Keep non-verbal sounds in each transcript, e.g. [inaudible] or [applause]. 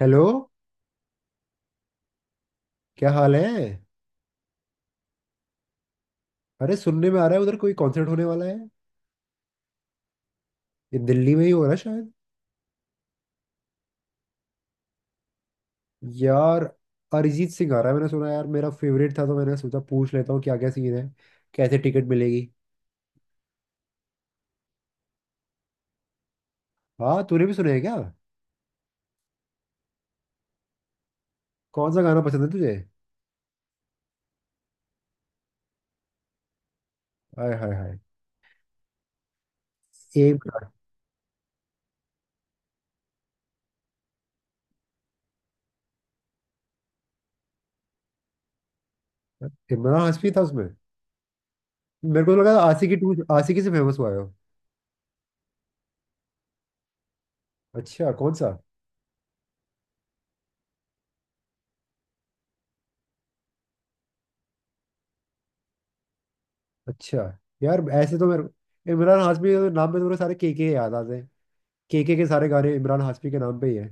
Hello. क्या हाल है? अरे, सुनने में आ रहा है उधर कोई कॉन्सर्ट होने वाला है। ये दिल्ली में ही हो रहा है शायद। यार, अरिजीत सिंह आ रहा है, मैंने सुना। यार मेरा फेवरेट था, तो मैंने सोचा पूछ लेता हूँ क्या क्या सीन है। कैसे टिकट मिलेगी? हाँ, तूने भी सुना है क्या? कौन सा गाना पसंद है तुझे? हाय हाय हाय! एक। इमरान हाशमी था उसमें? मेरे को तो लगा आशिकी टू, आशिकी से फेमस हुआ है वो। अच्छा, कौन सा? अच्छा। यार ऐसे तो मेरे इमरान हाशमी के नाम पे तो मेरे सारे के याद आते हैं। के सारे गाने इमरान हाशमी के नाम पे ही है।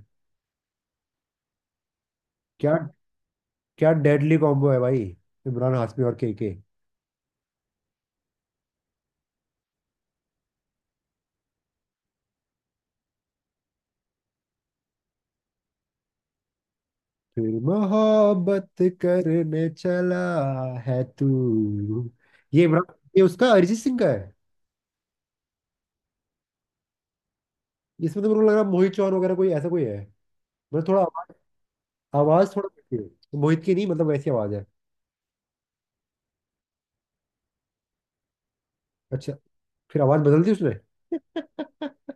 क्या, क्या डेडली कॉम्बो है भाई! इमरान हाशमी और केके। फिर मोहब्बत करने चला है तू। ये उसका अरिजीत सिंह का है। इसमें तो मेरे को लग रहा है मोहित चौहान वगैरह कोई ऐसा कोई है। मतलब थोड़ा आवाज आवाज थोड़ा वैसी है। तो मोहित की नहीं, मतलब वैसी आवाज है। अच्छा, फिर आवाज बदल दी उसने? [laughs]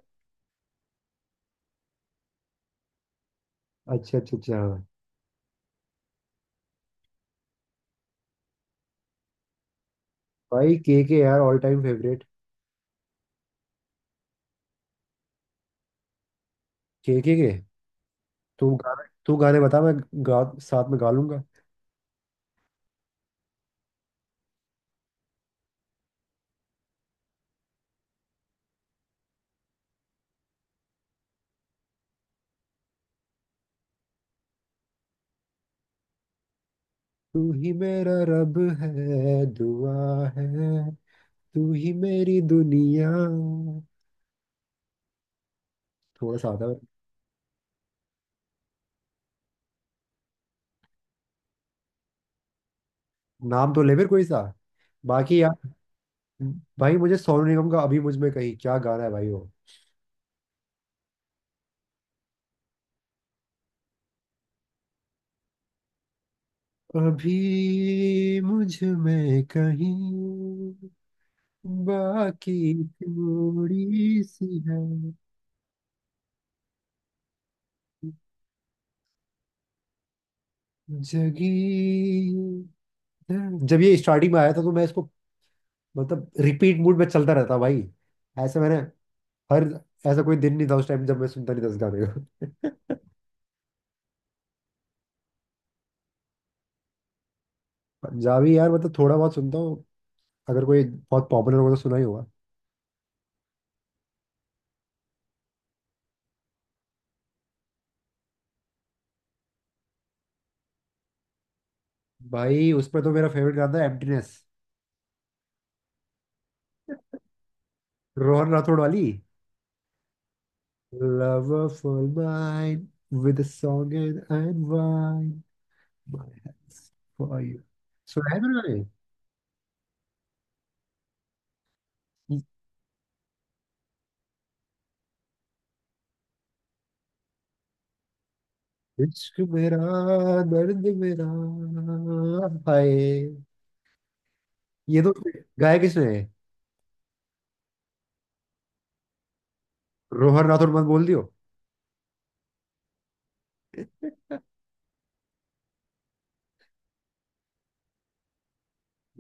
अच्छा अच्छा अच्छा, हाँ। भाई के, यार ऑल टाइम फेवरेट। के के। तू गाने बता, मैं साथ में गा लूंगा। तू ही मेरा रब है, दुआ है, तू ही मेरी दुनिया। थोड़ा सा आता है। नाम तो ले मेरे, कोई सा। बाकी यार। भाई, मुझे सोनू निगम का "अभी मुझ में कहीं" क्या गाना है भाई वो! अभी मुझ में कहीं, बाकी, थोड़ी सी है जगी। जब ये स्टार्टिंग में आया था तो मैं इसको, मतलब, रिपीट मूड में चलता रहता भाई। ऐसे मैंने, हर ऐसा कोई दिन नहीं था उस टाइम जब मैं सुनता नहीं था इस गाने को। [laughs] पंजाबी, यार मतलब थोड़ा बहुत सुनता हूँ। अगर कोई बहुत पॉपुलर होगा तो सुना ही होगा। भाई उस पर तो मेरा फेवरेट गाना था, एम्प्टीनेस। रोहन राठौड़ वाली? Love for mine, with song and wine, my hands for you. सुना है मैंने गाने? इश्क मेरा, दर्द मेरा, हाय! ये तो, गाया किसने है? रोहन राठौड़ मत बोल दियो।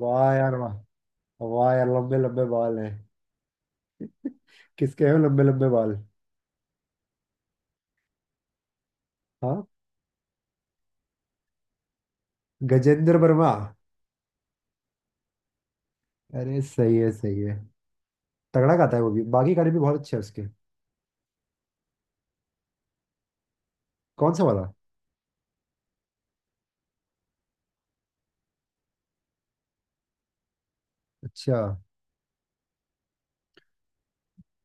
वाह यार वाह! वाह यार, लंबे लंबे बाल हैं! किसके हैं वो लंबे लंबे बाल? हाँ, गजेंद्र वर्मा। अरे सही है सही है। तगड़ा गाता है वो भी, बाकी गाने भी बहुत अच्छे हैं उसके। कौन सा वाला? अच्छा।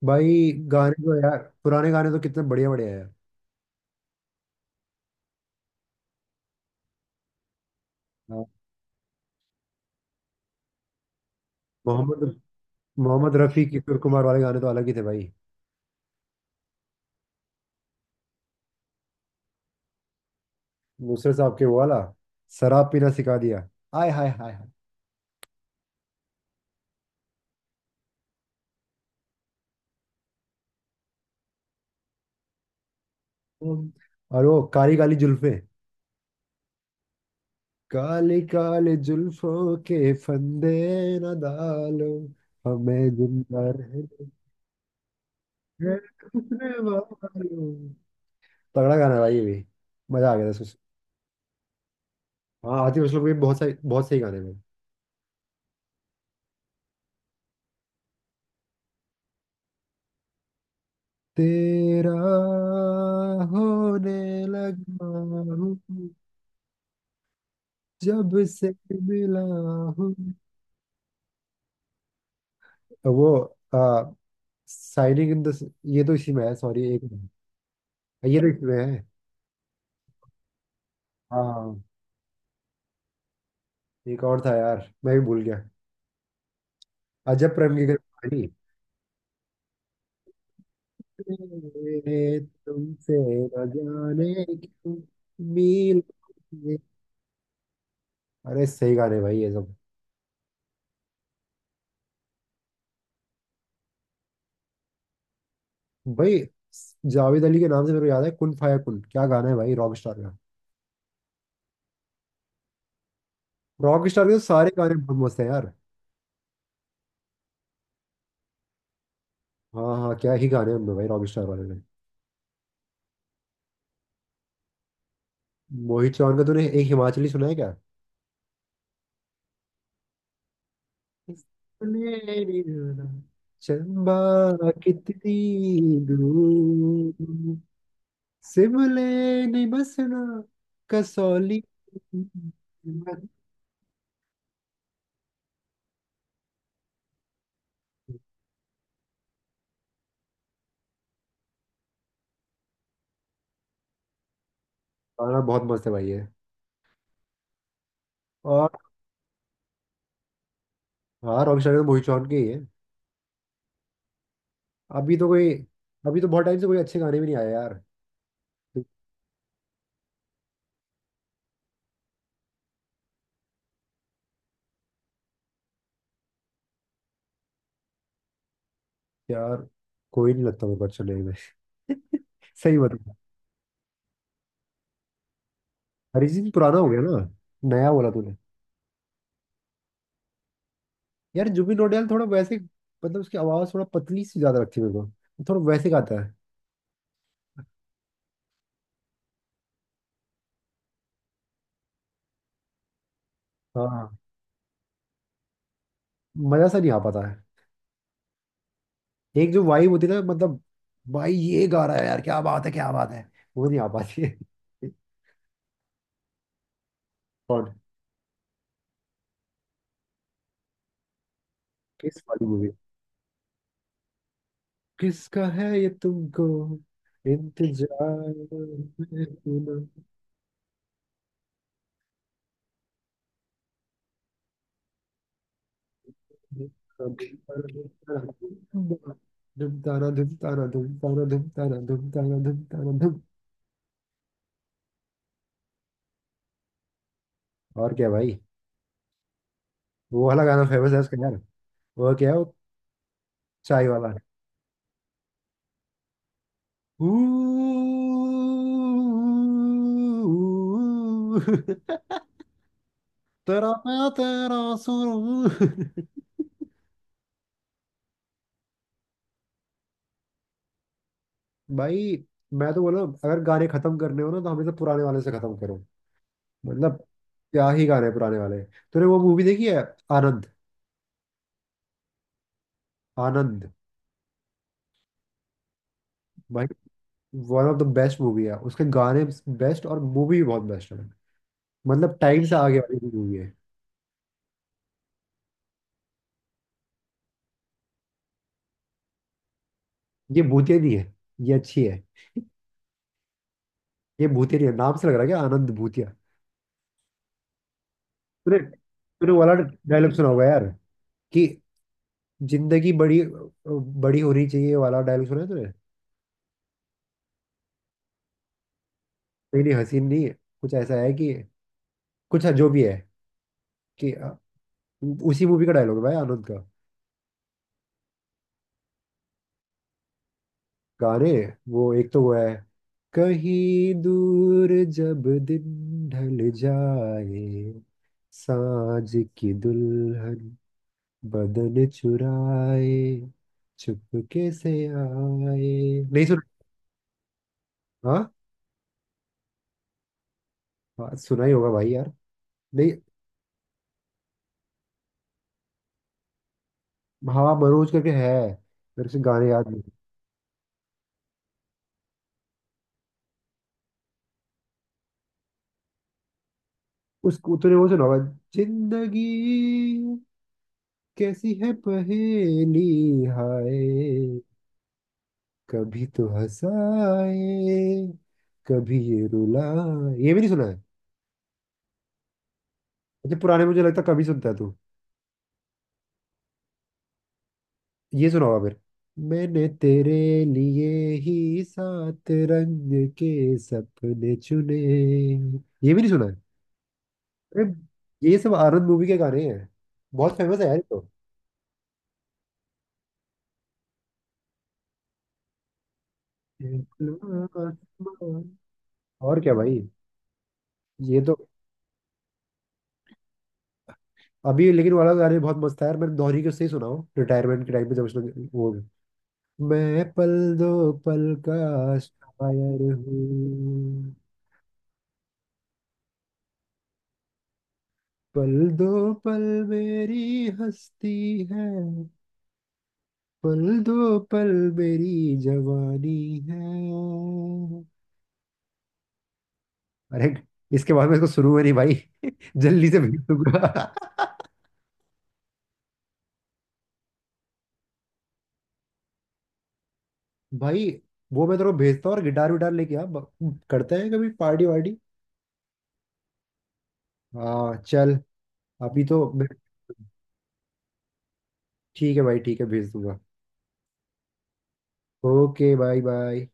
भाई गाने तो यार, पुराने गाने तो कितने बढ़िया बढ़िया है। हाँ, मोहम्मद मोहम्मद रफ़ी, किशोर कुमार वाले गाने तो अलग ही थे भाई। नुसरत साहब के वो वाला, शराब पीना सिखा दिया, आय हाय हाय हाय! वो- और वो काली काली जुल्फे, काली काली जुल्फों के फंदे न डालो, हमें जिंदा रहने दो। तगड़ा गाना है भाई ये भी, मजा आ गया था। हाँ, आतिफ असलम के बहुत सही गाने हैं। तेरा होने लगा हूँ जब से मिला हूँ। वो आ, साइनिंग इन द, ये तो इसी में है, सॉरी। एक, ये तो इसी में है। हाँ, एक और था यार, मैं भी भूल गया। अजब प्रेम की कहानी। तेरे तुमसे न जाने क्यों मिल गए। अरे सही गाने भाई ये सब। भाई, जावेद अली के नाम से मेरे को याद है कुन फाया कुन, क्या गाना है भाई रॉक स्टार का! रॉक स्टार के तो सारे गाने बहुत मस्त है यार। हाँ हाँ, क्या ही गाने हैं उनमें भाई रॉक स्टार वाले ने। मोहित चौहान का तूने एक हिमाचली सुना है क्या? सुनहरी रात, चंबा कितनी दूर, सिमले नहीं बसना कसौली। गाना बहुत मस्त है भाई ये। और हाँ, रॉक स्टार तो मोहित चौहान के ही है। अभी तो कोई अभी तो बहुत टाइम से कोई अच्छे गाने भी नहीं आए यार। यार कोई नहीं लगता मेरे को अच्छा, नहीं में सही बता। अरिजीत सिंह पुराना हो गया ना। नया बोला तूने। यार जुबिन नौटियाल थोड़ा वैसे, मतलब उसकी आवाज थोड़ा पतली सी ज्यादा लगती है मेरे को, थोड़ा वैसे गाता है। हाँ, मजा सा नहीं आ पाता है। एक जो वाइब होती है ना, मतलब भाई ये गा रहा है यार, क्या बात है क्या बात है! वो नहीं आ पाती है। कौन? किस वाली मूवी? किसका है ये, तुमको इंतजार है? धुम ताना धुम ताना धुम ताना धुम ताना धुम ताना धुम ताना धुम। और क्या भाई, वो वाला गाना फेमस है उसका यार। वो क्या है वो, चाय वाला। [laughs] ऊ- तेरा, मैं तेरा सुरूर। भाई मैं तो बोला, अगर गाने खत्म करने हो ना तो हमेशा पुराने वाले से खत्म करो। मतलब, क्या ही गाने हैं पुराने वाले। तूने वो मूवी देखी है, आनंद? आनंद। भाई one of the best movie है, उसके गाने बेस्ट और मूवी भी बहुत बेस्ट है। मतलब टाइम से आगे वाली मूवी है। ये भूतिया नहीं है, ये अच्छी है। ये भूतिया नहीं है, नाम से लग रहा है क्या आनंद भूतिया। तूने तूने वो वाला डायलॉग सुना होगा यार, कि जिंदगी बड़ी बड़ी होनी चाहिए, ये वाला डायलॉग सुना है तूने? नहीं नहीं, हसीन नहीं है, कुछ ऐसा है कि, कुछ है जो भी है, कि उसी मूवी का डायलॉग है भाई, आनंद का। गाने, वो एक तो वो है, कहीं दूर जब दिन ढल जाए, साँझ की दुल्हन बदन चुराए, चुपके से आए नहीं सुन। हाँ, हाँ सुना ही होगा भाई यार। नहीं, हाँ मनोज करके है। मेरे से गाने याद नहीं। उसको तूने वो सुना होगा, जिंदगी कैसी है पहेली, हाय! कभी तो हंसाए, कभी ये रुलाए, ये भी नहीं सुना है? मतलब पुराने, मुझे लगता है कभी सुनता है तू। ये सुना होगा फिर, मैंने तेरे लिए ही सात रंग के सपने चुने, ये भी नहीं सुना है? अरे, ये सब आनंद मूवी के गाने हैं, बहुत फेमस है यार ये तो। देखना आसमान। और क्या भाई, ये तो अभी लेकिन वाला गाने बहुत मस्त है यार, मैंने दोहरी के उससे ही सुना हो, रिटायरमेंट के टाइम पे जब उसने वो, मैं पल दो पल का शायर हूँ, पल दो पल मेरी हस्ती है, पल दो पल मेरी जवानी है। अरे इसके बाद में, इसको शुरू में नहीं भाई। [laughs] जल्दी से भेज दूंगा। [laughs] भाई वो मैं तेरे को भेजता हूँ, और गिटार विटार लेके आ, करते हैं कभी पार्टी वार्टी। हाँ चल, अभी तो मैं-। ठीक है भाई, ठीक है, भेज दूंगा। Okay, bye bye.